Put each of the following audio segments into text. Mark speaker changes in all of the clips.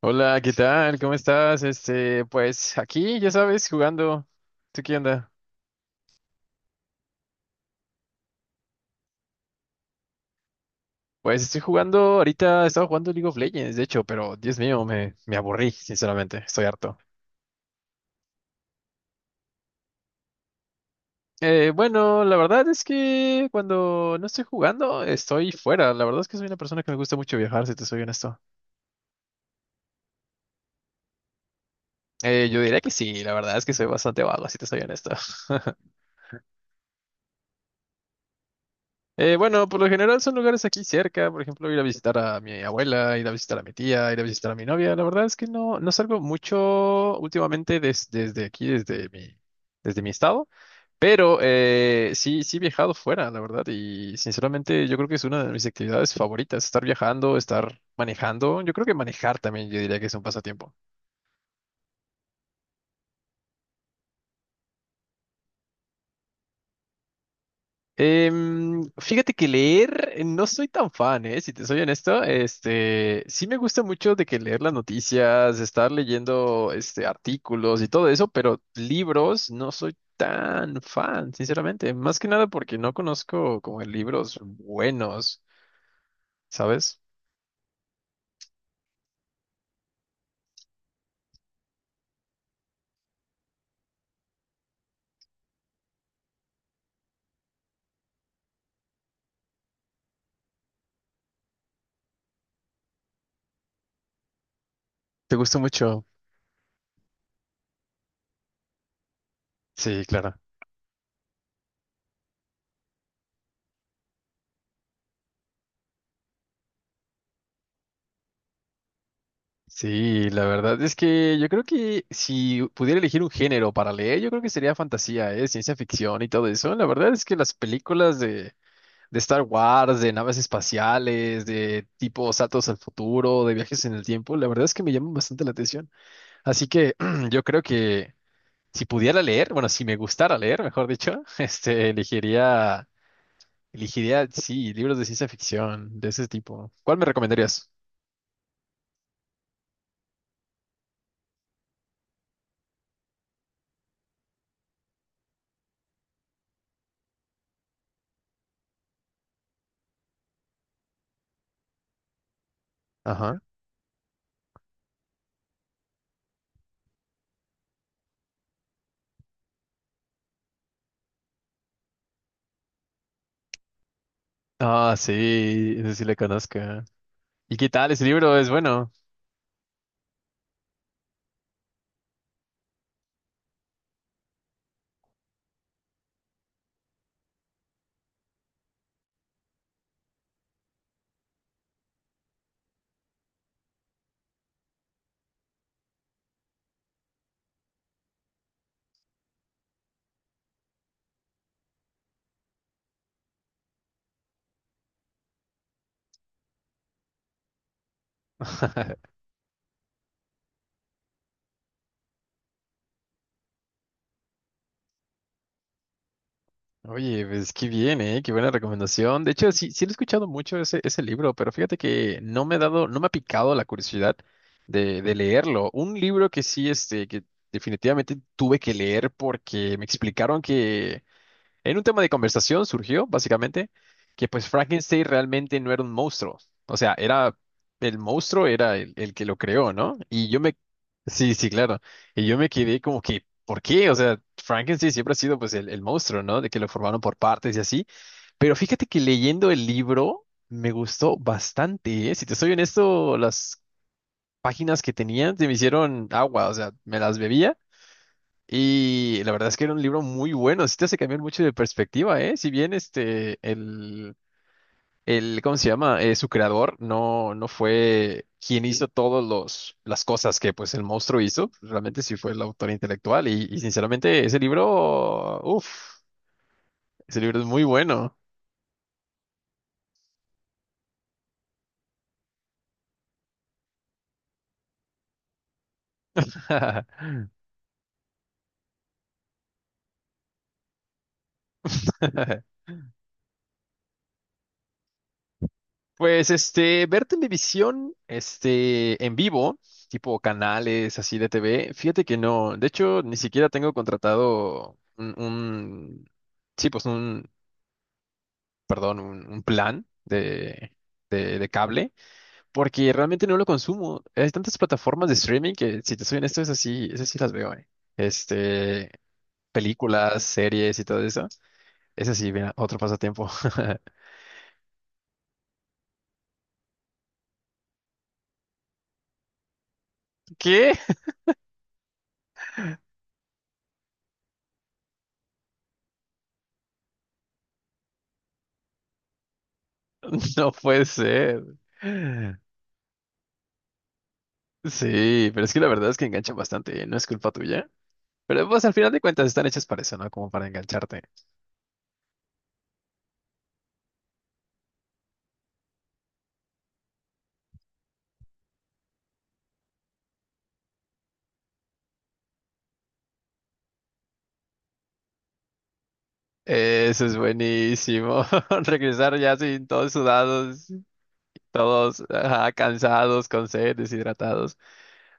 Speaker 1: Hola, ¿qué tal? ¿Cómo estás? Este, pues aquí, ya sabes, jugando. ¿Tú qué onda? Pues estoy jugando, ahorita estaba jugando League of Legends, de hecho, pero Dios mío, me aburrí, sinceramente, estoy harto. Bueno, la verdad es que cuando no estoy jugando, estoy fuera. La verdad es que soy una persona que me gusta mucho viajar, si te soy honesto. Yo diría que sí, la verdad es que soy bastante vago, si te soy honesto. Bueno, por lo general son lugares aquí cerca, por ejemplo, ir a visitar a mi abuela, ir a visitar a mi tía, ir a visitar a mi novia. La verdad es que no, no salgo mucho últimamente desde aquí, desde mi estado, pero sí, sí he viajado fuera, la verdad, y sinceramente yo creo que es una de mis actividades favoritas, estar viajando, estar manejando. Yo creo que manejar también, yo diría que es un pasatiempo. Fíjate que leer no soy tan fan, si te soy honesto. Este, sí me gusta mucho de que leer las noticias, estar leyendo este artículos y todo eso, pero libros no soy tan fan, sinceramente. Más que nada porque no conozco como libros buenos, ¿sabes? ¿Te gusta mucho? Sí, claro. Sí, la verdad es que yo creo que si pudiera elegir un género para leer, yo creo que sería fantasía, ciencia ficción y todo eso. La verdad es que las películas de Star Wars, de naves espaciales, de tipo saltos al futuro, de viajes en el tiempo, la verdad es que me llaman bastante la atención. Así que yo creo que si pudiera leer, bueno, si me gustara leer, mejor dicho, este, elegiría, elegiría, sí, libros de ciencia ficción de ese tipo. ¿Cuál me recomendarías? Ajá. Ah, sí, ese sí le conozco. ¿Y qué tal? Ese libro es bueno. Oye, pues qué bien, ¿eh? Qué buena recomendación. De hecho, sí, sí lo he escuchado mucho ese, ese libro, pero fíjate que no me ha dado, no me ha picado la curiosidad de leerlo. Un libro que sí, este, que definitivamente tuve que leer porque me explicaron en un tema de conversación surgió, básicamente, que pues Frankenstein realmente no era un monstruo. O sea, era el monstruo, era el que lo creó, ¿no? Y yo me... Sí, sí, claro. Y yo me quedé como que, ¿por qué? O sea, Frankenstein siempre ha sido pues el monstruo, ¿no? De que lo formaron por partes y así. Pero fíjate que leyendo el libro me gustó bastante, ¿eh? Si te soy honesto, las páginas que tenía se me hicieron agua, o sea, me las bebía. Y la verdad es que era un libro muy bueno, sí te hace cambiar mucho de perspectiva, ¿eh? Si bien este, el, ¿cómo se llama? Su creador no, no fue quien hizo todas las cosas que pues el monstruo hizo, realmente sí fue el autor intelectual y sinceramente ese libro, uff, ese libro es muy bueno. Pues este, ver televisión, este, en vivo, tipo canales así de TV, fíjate que no, de hecho, ni siquiera tengo contratado sí, pues un, perdón, un plan de cable, porque realmente no lo consumo. Hay tantas plataformas de streaming que, si te soy honesto, es así, esas sí las veo, eh. Este, películas, series y todo eso. Es así, mira, otro pasatiempo. ¿Qué? No puede ser. Sí, pero es que la verdad es que enganchan bastante, ¿eh? No es culpa tuya. Pero pues al final de cuentas están hechas para eso, ¿no? Como para engancharte. Eso es buenísimo. Regresar ya sin todos sudados, todos ajá, cansados, con sed, deshidratados.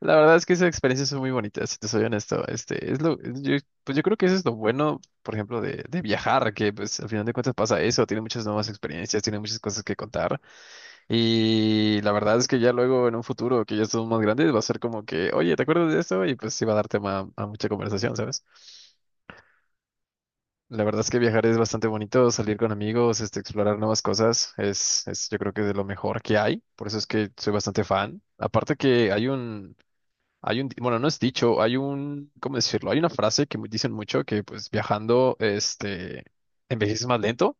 Speaker 1: La verdad es que esas experiencias son muy bonitas, si te soy honesto. Este, es lo, es- yo, pues yo creo que eso es lo bueno, por ejemplo, de viajar, que pues al final de cuentas pasa eso, tiene muchas nuevas experiencias, tiene muchas cosas que contar. Y la verdad es que ya luego en un futuro que ya estemos más grandes va a ser como que, oye, ¿te acuerdas de esto? Y pues sí va a dar tema a mucha conversación, ¿sabes? La verdad es que viajar es bastante bonito, salir con amigos, este, explorar nuevas cosas, es yo creo que de lo mejor que hay, por eso es que soy bastante fan. Aparte que hay un, di- bueno, no es dicho, hay un, ¿cómo decirlo? Hay una frase que mu- dicen mucho que pues viajando, este, envejeces más lento.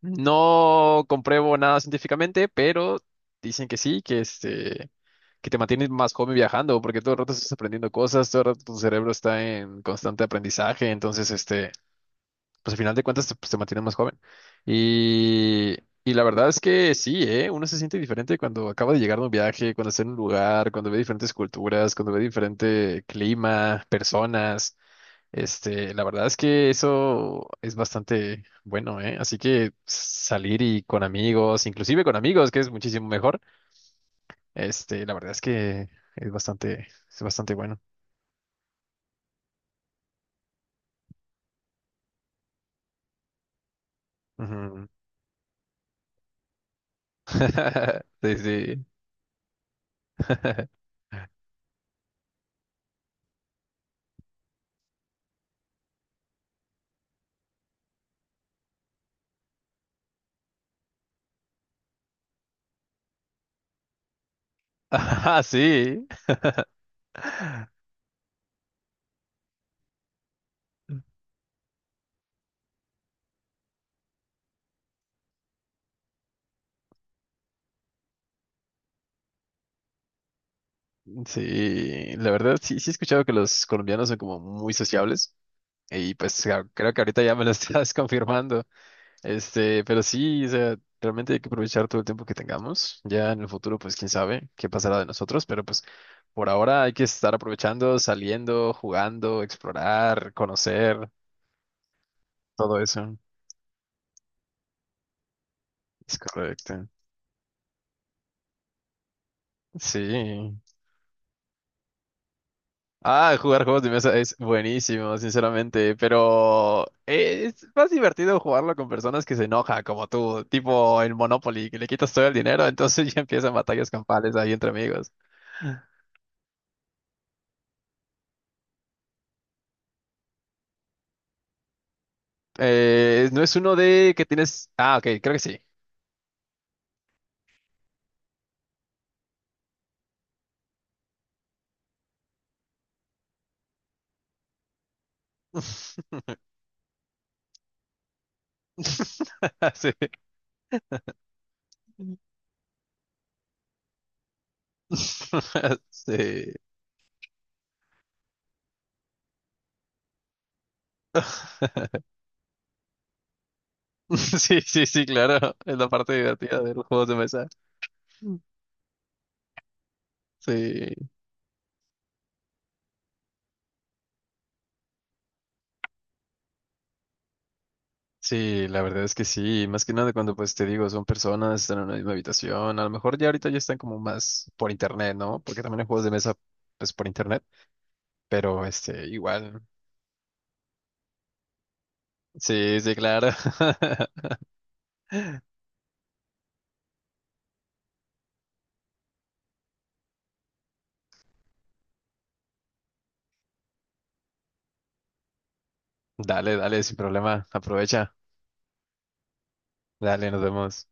Speaker 1: No compruebo nada científicamente, pero dicen que sí, que este... que te mantienes más joven viajando, porque todo el rato estás aprendiendo cosas, todo el rato tu cerebro está en constante aprendizaje, entonces, este, pues al final de cuentas te, pues, te mantienes más joven. Y, y la verdad es que sí, ¿eh? Uno se siente diferente cuando acaba de llegar de un viaje, cuando está en un lugar, cuando ve diferentes culturas, cuando ve diferente clima, personas. Este, la verdad es que eso es bastante bueno, ¿eh? Así que salir y con amigos, inclusive con amigos, que es muchísimo mejor. Este, la verdad es que es bastante bueno. Ujú. Sí, sí. Ah, sí. Sí, la verdad sí, sí he escuchado que los colombianos son como muy sociables y pues ja- creo que ahorita ya me lo estás confirmando. Este, pero sí, o sea, realmente hay que aprovechar todo el tiempo que tengamos. Ya en el futuro, pues quién sabe qué pasará de nosotros, pero pues por ahora hay que estar aprovechando, saliendo, jugando, explorar, conocer, todo eso. Es correcto. Sí. Ah, jugar juegos de mesa es buenísimo, sinceramente, pero es más divertido jugarlo con personas que se enoja, como tú, tipo el Monopoly, que le quitas todo el dinero, entonces ya empiezan batallas campales ahí entre amigos. No es uno de que tienes... Ah, ok, creo que sí. Sí. Sí. Sí, sí, sí, claro. Es la parte divertida de los juegos de mesa. Sí. Sí, la verdad es que sí, más que nada cuando pues te digo, son personas, están en una misma habitación, a lo mejor ya ahorita ya están como más por internet, ¿no? Porque también hay juegos de mesa pues por internet, pero este, igual, sí, sí, claro. Dale, dale, sin problema, aprovecha, dale, nos vemos.